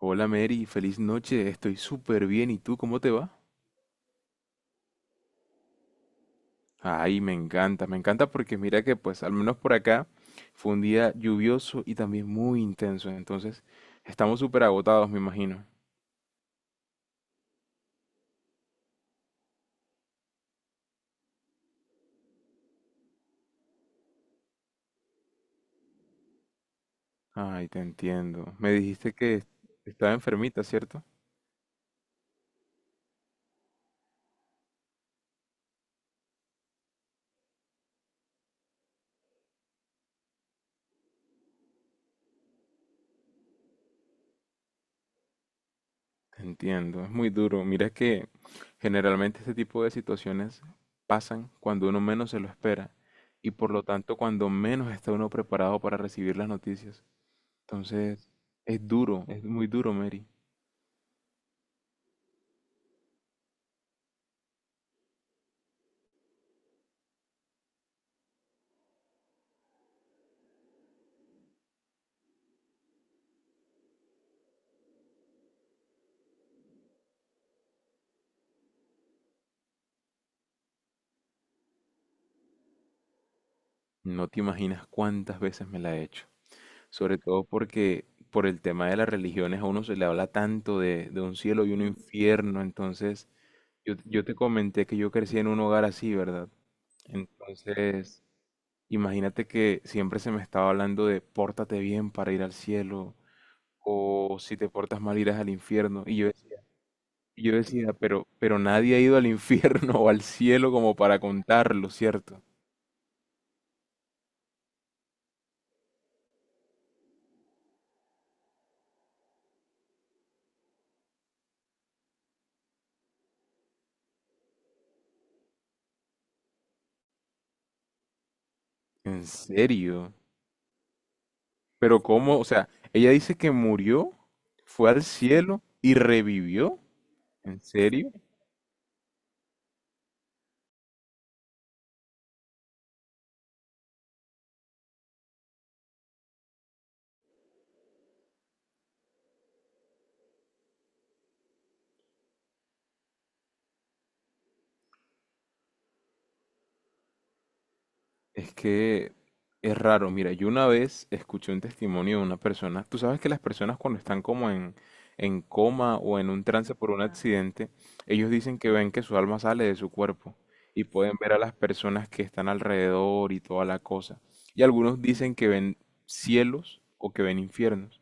Hola Mary, feliz noche, estoy súper bien. ¿Y tú cómo te va? Ay, me encanta porque mira que pues al menos por acá fue un día lluvioso y también muy intenso, entonces estamos súper agotados, me imagino. Ay, te entiendo. Me dijiste que estaba enfermita, ¿cierto? Te entiendo, es muy duro. Mira que generalmente este tipo de situaciones pasan cuando uno menos se lo espera y por lo tanto cuando menos está uno preparado para recibir las noticias. Entonces, es duro, es muy duro, Mary. No te imaginas cuántas veces me la he hecho. Sobre todo porque por el tema de las religiones a uno se le habla tanto de un cielo y un infierno. Entonces, yo te comenté que yo crecí en un hogar así, ¿verdad? Entonces, imagínate que siempre se me estaba hablando de pórtate bien para ir al cielo o si te portas mal irás al infierno. Y yo decía, pero nadie ha ido al infierno o al cielo como para contarlo, ¿cierto? ¿En serio? Pero ¿cómo? O sea, ella dice que murió, fue al cielo y revivió. ¿En serio? Es que es raro. Mira, yo una vez escuché un testimonio de una persona. Tú sabes que las personas cuando están como en coma o en un trance por un accidente, ellos dicen que ven que su alma sale de su cuerpo y pueden ver a las personas que están alrededor y toda la cosa. Y algunos dicen que ven cielos o que ven infiernos.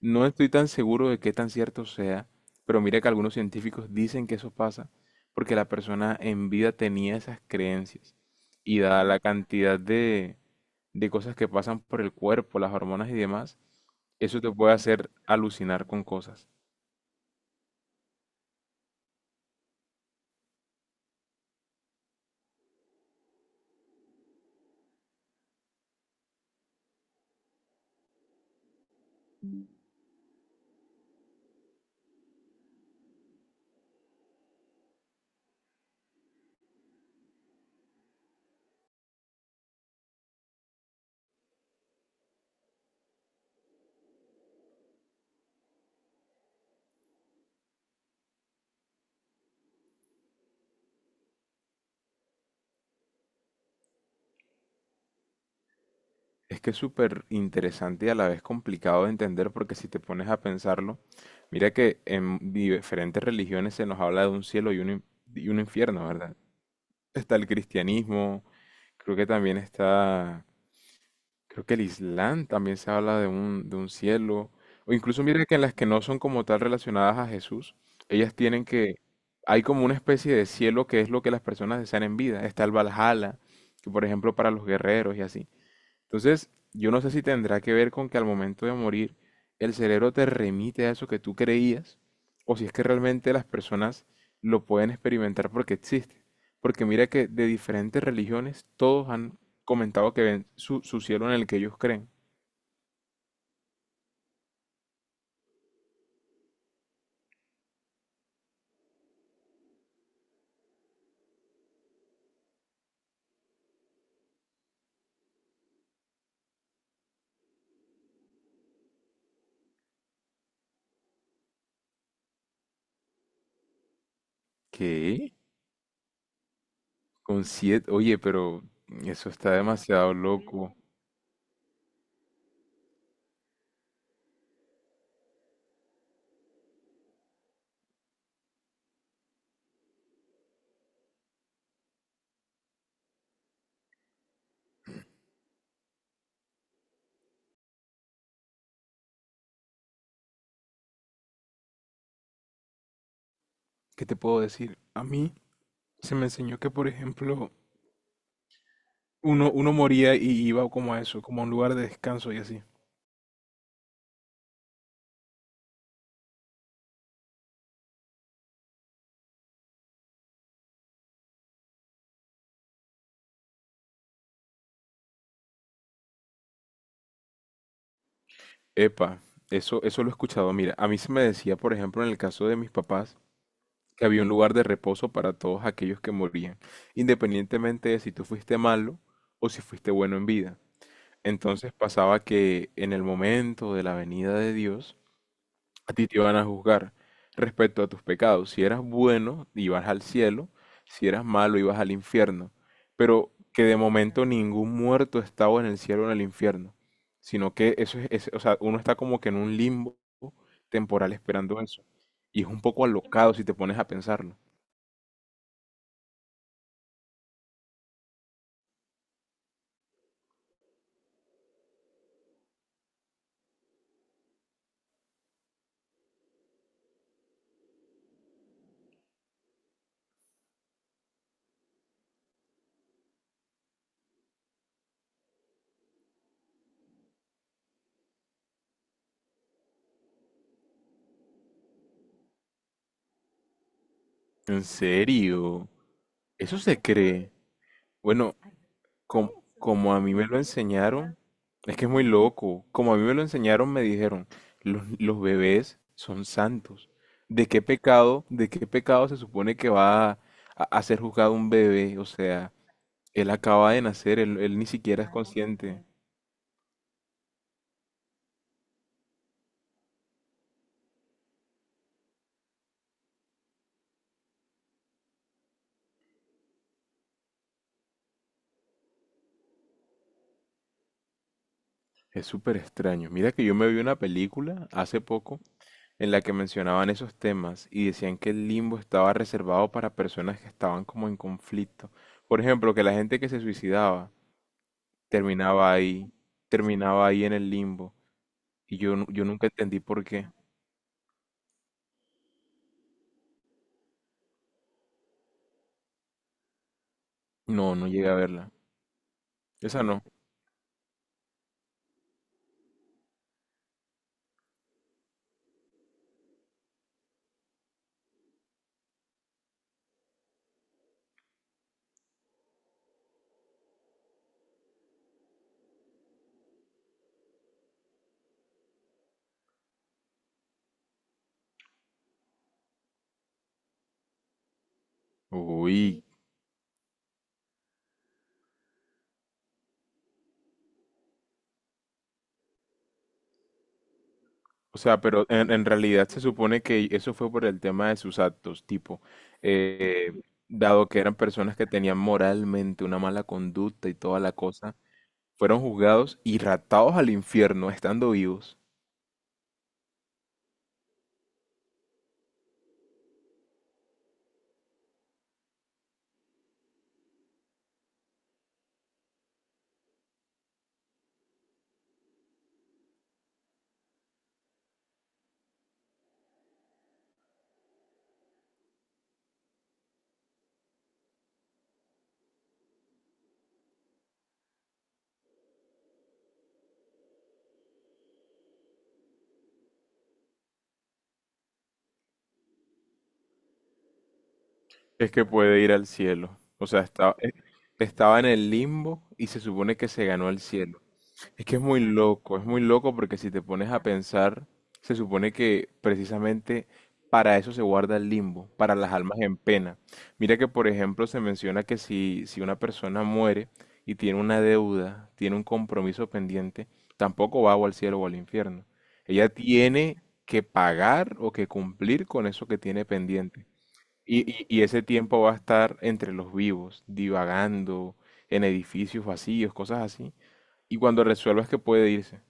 No estoy tan seguro de qué tan cierto sea, pero mira que algunos científicos dicen que eso pasa porque la persona en vida tenía esas creencias y dada la cantidad de cosas que pasan por el cuerpo, las hormonas y demás, eso te puede hacer alucinar con cosas. Es que es súper interesante y a la vez complicado de entender porque si te pones a pensarlo, mira que en diferentes religiones se nos habla de un cielo y y un infierno, ¿verdad? Está el cristianismo, creo que también está, creo que el Islam también se habla de de un cielo, o incluso mire que en las que no son como tal relacionadas a Jesús, ellas tienen que, hay como una especie de cielo que es lo que las personas desean en vida, está el Valhalla, que por ejemplo para los guerreros y así. Entonces, yo no sé si tendrá que ver con que al momento de morir el cerebro te remite a eso que tú creías, o si es que realmente las personas lo pueden experimentar porque existe. Porque mira que de diferentes religiones todos han comentado que ven su cielo en el que ellos creen. ¿Qué? Con siete... Oye, pero eso está demasiado loco. ¿Qué te puedo decir? A mí se me enseñó que, por ejemplo, uno moría y iba como a eso, como a un lugar de descanso y así. Epa, eso lo he escuchado. Mira, a mí se me decía, por ejemplo, en el caso de mis papás, que había un lugar de reposo para todos aquellos que morían, independientemente de si tú fuiste malo o si fuiste bueno en vida. Entonces pasaba que en el momento de la venida de Dios, a ti te van a juzgar respecto a tus pecados. Si eras bueno, ibas al cielo. Si eras malo, ibas al infierno. Pero que de momento ningún muerto estaba en el cielo o en el infierno. Sino que eso es, o sea, uno está como que en un limbo temporal esperando eso. Y es un poco alocado si te pones a pensarlo. ¿En serio? ¿Eso se cree? Bueno, Com- como a mí me lo enseñaron, es que es muy loco. Como a mí me lo enseñaron, me dijeron, los bebés son santos. De qué pecado se supone que va a ser juzgado un bebé? O sea, él acaba de nacer, él ni siquiera es consciente. Es súper extraño. Mira que yo me vi una película hace poco en la que mencionaban esos temas y decían que el limbo estaba reservado para personas que estaban como en conflicto. Por ejemplo, que la gente que se suicidaba terminaba ahí, terminaba ahí en el limbo. Y yo, yo nunca entendí por qué. No, no llegué a verla. Esa no. Uy. O sea, pero en realidad se supone que eso fue por el tema de sus actos, tipo, eh, dado que eran personas que tenían moralmente una mala conducta y toda la cosa, fueron juzgados y ratados al infierno estando vivos. Es que puede ir al cielo. O sea, estaba, estaba en el limbo y se supone que se ganó el cielo. Es que es muy loco porque si te pones a pensar, se supone que precisamente para eso se guarda el limbo, para las almas en pena. Mira que, por ejemplo, se menciona que si una persona muere y tiene una deuda, tiene un compromiso pendiente, tampoco va o al cielo o al infierno. Ella tiene que pagar o que cumplir con eso que tiene pendiente. Y ese tiempo va a estar entre los vivos, divagando en edificios vacíos, cosas así. Y cuando resuelvas que puede irse.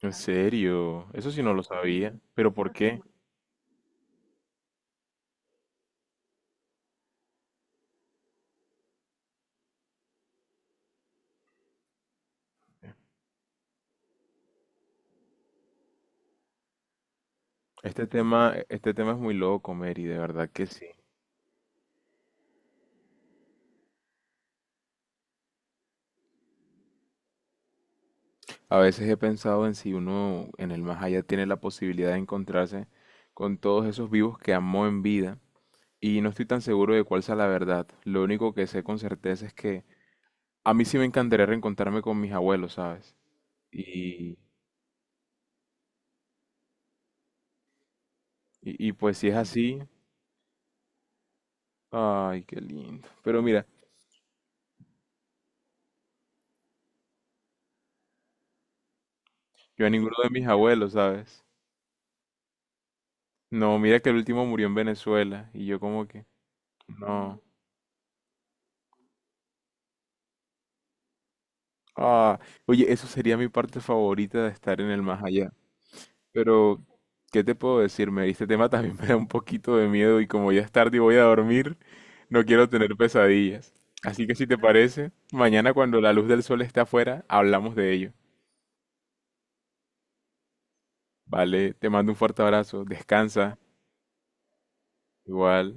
En serio, eso sí no lo sabía. ¿Pero por qué? Este tema es muy loco, Mary, de verdad que sí. A veces he pensado en si uno en el más allá tiene la posibilidad de encontrarse con todos esos vivos que amó en vida. Y no estoy tan seguro de cuál sea la verdad. Lo único que sé con certeza es que a mí sí me encantaría reencontrarme con mis abuelos, ¿sabes? Y, y pues si es así, ay, qué lindo. Pero mira, yo a ninguno de mis abuelos, ¿sabes? No, mira que el último murió en Venezuela y yo como que no. Ah, oye, eso sería mi parte favorita de estar en el más allá. Pero, ¿qué te puedo decir? Me Este tema también me da un poquito de miedo y como ya es tarde y voy a dormir, no quiero tener pesadillas. Así que si te parece, mañana cuando la luz del sol esté afuera, hablamos de ello. Vale, te mando un fuerte abrazo, descansa, igual.